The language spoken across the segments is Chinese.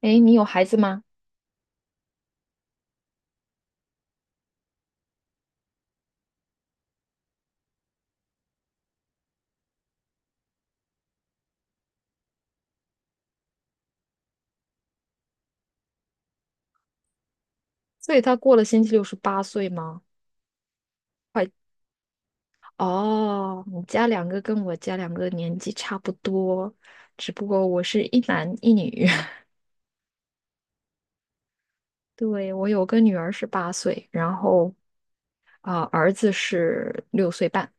诶，你有孩子吗？所以他过了星期六是八岁吗？快，哦，你家两个跟我家两个年纪差不多，只不过我是一男一女。对，我有个女儿是八岁，然后儿子是六岁半，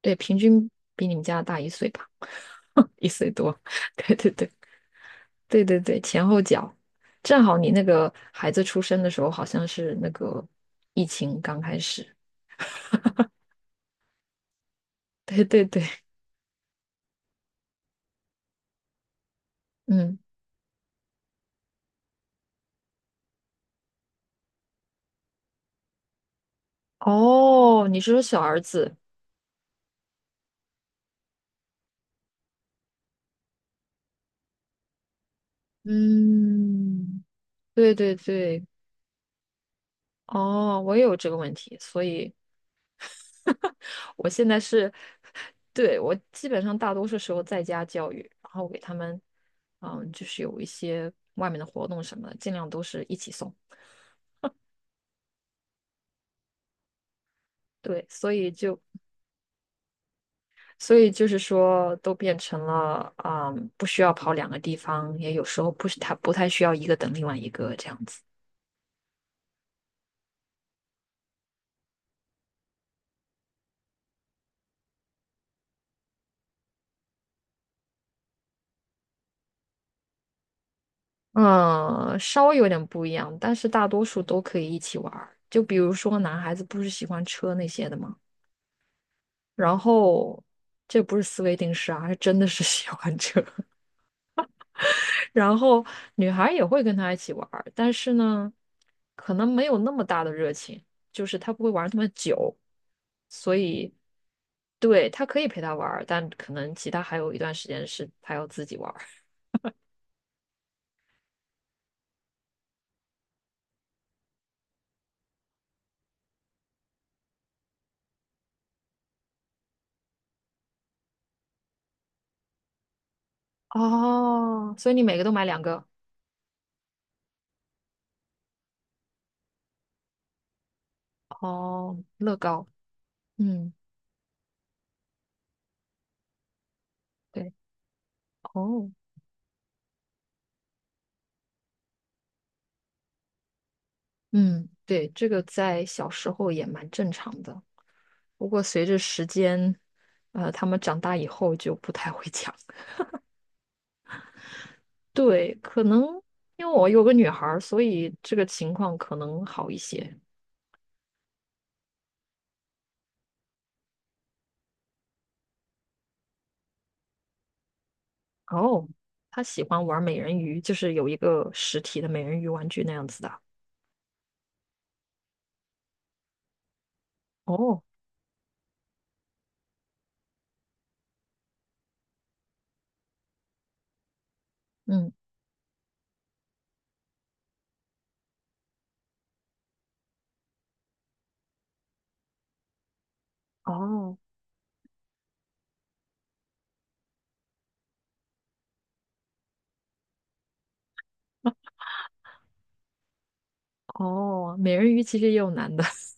对，平均比你们家大一岁吧，一岁多。对对对对对对，前后脚，正好你那个孩子出生的时候好像是那个疫情刚开始。对对对，嗯。哦，你是说小儿子？嗯，对对对，哦，我也有这个问题，所以 我现在是，对，我基本上大多数时候在家教育，然后给他们，嗯，就是有一些外面的活动什么的，尽量都是一起送。对，所以就，所以就是说，都变成了，嗯，不需要跑两个地方，也有时候不是他不太需要一个等另外一个这样子。嗯，稍微有点不一样，但是大多数都可以一起玩儿。就比如说，男孩子不是喜欢车那些的吗？然后这不是思维定式啊，是真的是 喜欢车。然后女孩儿也会跟他一起玩儿，但是呢，可能没有那么大的热情，就是他不会玩儿那么久，所以对他可以陪他玩儿，但可能其他还有一段时间是他要自己玩儿。哦，所以你每个都买两个哦，乐高，嗯。对。哦，嗯，对，这个在小时候也蛮正常的，不过随着时间，他们长大以后就不太会讲。对，可能因为我有个女孩儿，所以这个情况可能好一些。哦，她喜欢玩美人鱼，就是有一个实体的美人鱼玩具那样子的。哦，嗯，哦，哦，美人鱼其实也有男的。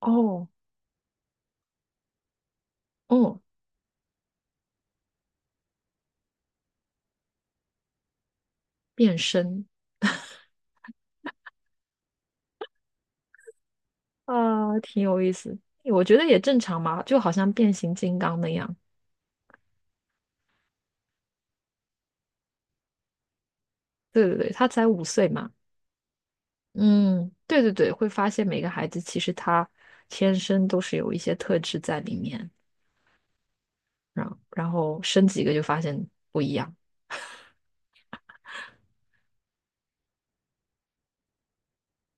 哦，哦，变身，啊，挺有意思。我觉得也正常嘛，就好像变形金刚那样。对对对，他才五岁嘛。嗯，对对对，会发现每个孩子其实他天生都是有一些特质在里面，然后生几个就发现不一样。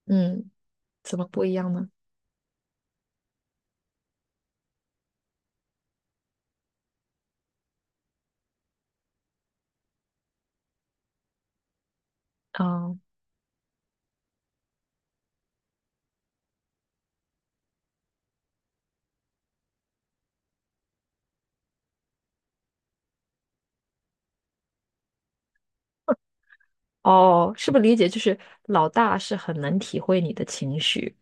嗯，怎么不一样呢？啊、哦，是不是理解就是老大是很能体会你的情绪，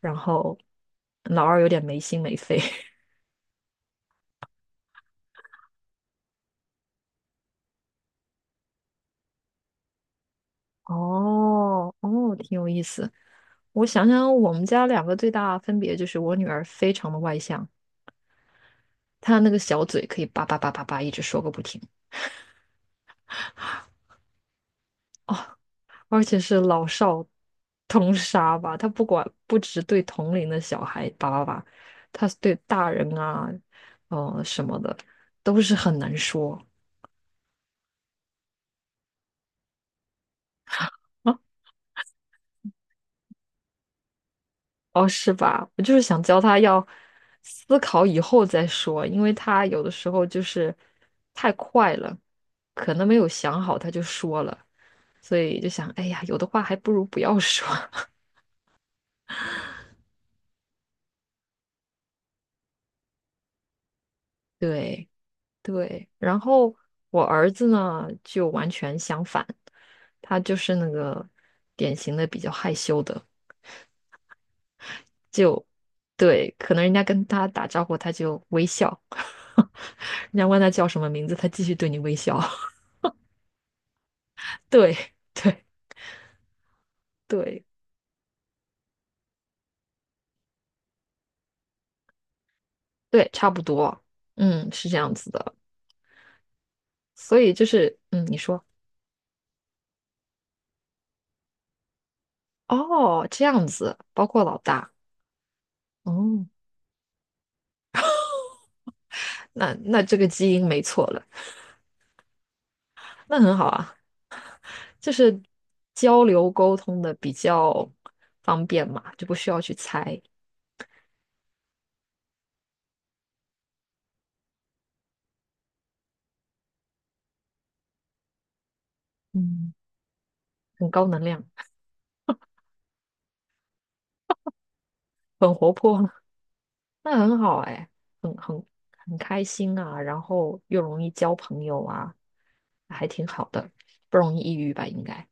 然后老二有点没心没肺。哦哦，挺有意思。我想想，我们家两个最大的分别就是，我女儿非常的外向，她那个小嘴可以叭叭叭叭叭一直说个不停，而且是老少通杀吧。她不管不只对同龄的小孩叭叭叭，她对大人啊，什么的都是很难说。哦，是吧？我就是想教他要思考以后再说，因为他有的时候就是太快了，可能没有想好他就说了，所以就想，哎呀，有的话还不如不要说。对对，然后我儿子呢就完全相反，他就是那个典型的比较害羞的，对，可能人家跟他打招呼他就微笑，人家问他叫什么名字，他继续对你微笑，对对。对对，差不多，嗯，是这样子的。所以就是，嗯，你说，哦，这样子，包括老大，哦，那那这个基因没错了，那很好啊，就是交流沟通的比较方便嘛，就不需要去猜，嗯，很高能量，很活泼，那很好哎，很很开心啊，然后又容易交朋友啊，还挺好的，不容易抑郁吧，应该。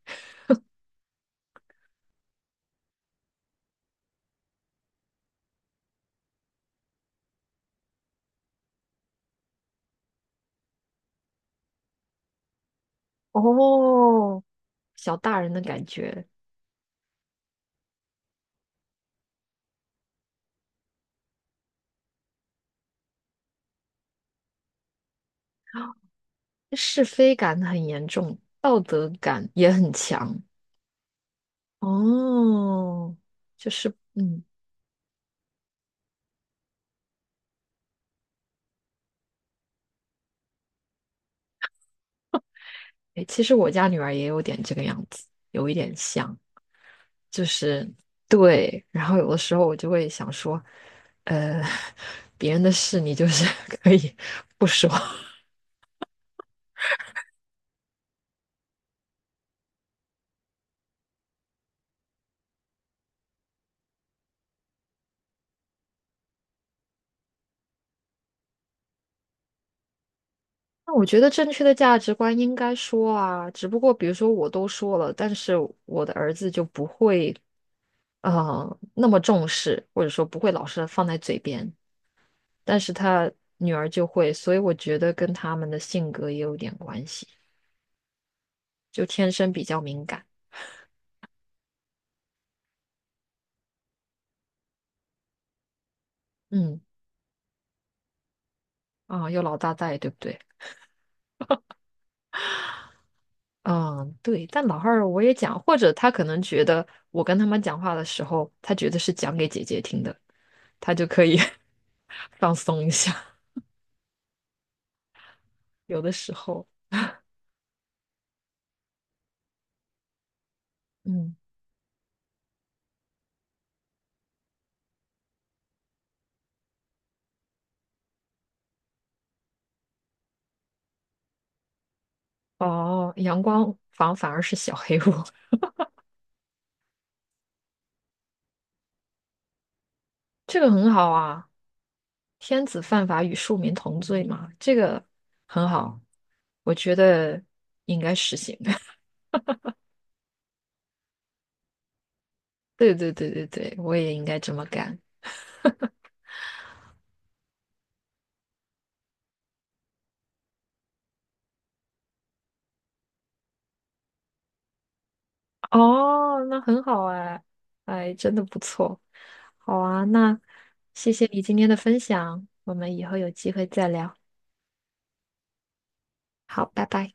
哦，小大人的感觉。是非感很严重，道德感也很强。哦，就是嗯，诶其实我家女儿也有点这个样子，有一点像，就是对。然后有的时候我就会想说，呃，别人的事你就是 可以不说。那我觉得正确的价值观应该说啊，只不过比如说我都说了，但是我的儿子就不会那么重视，或者说不会老是放在嘴边。但是他女儿就会，所以我觉得跟他们的性格也有点关系，就天生比较敏感。嗯，啊，有老大在，对不对？嗯，对。但老二我也讲，或者他可能觉得我跟他们讲话的时候，他觉得是讲给姐姐听的，他就可以 放松一下。有的时候，嗯，哦，阳光房反而是小黑屋，这个很好啊。天子犯法与庶民同罪嘛，这个很好，我觉得应该实行。对对对对对，我也应该这么干。哦，那很好哎，哎，真的不错。好啊，那谢谢你今天的分享，我们以后有机会再聊。好，拜拜。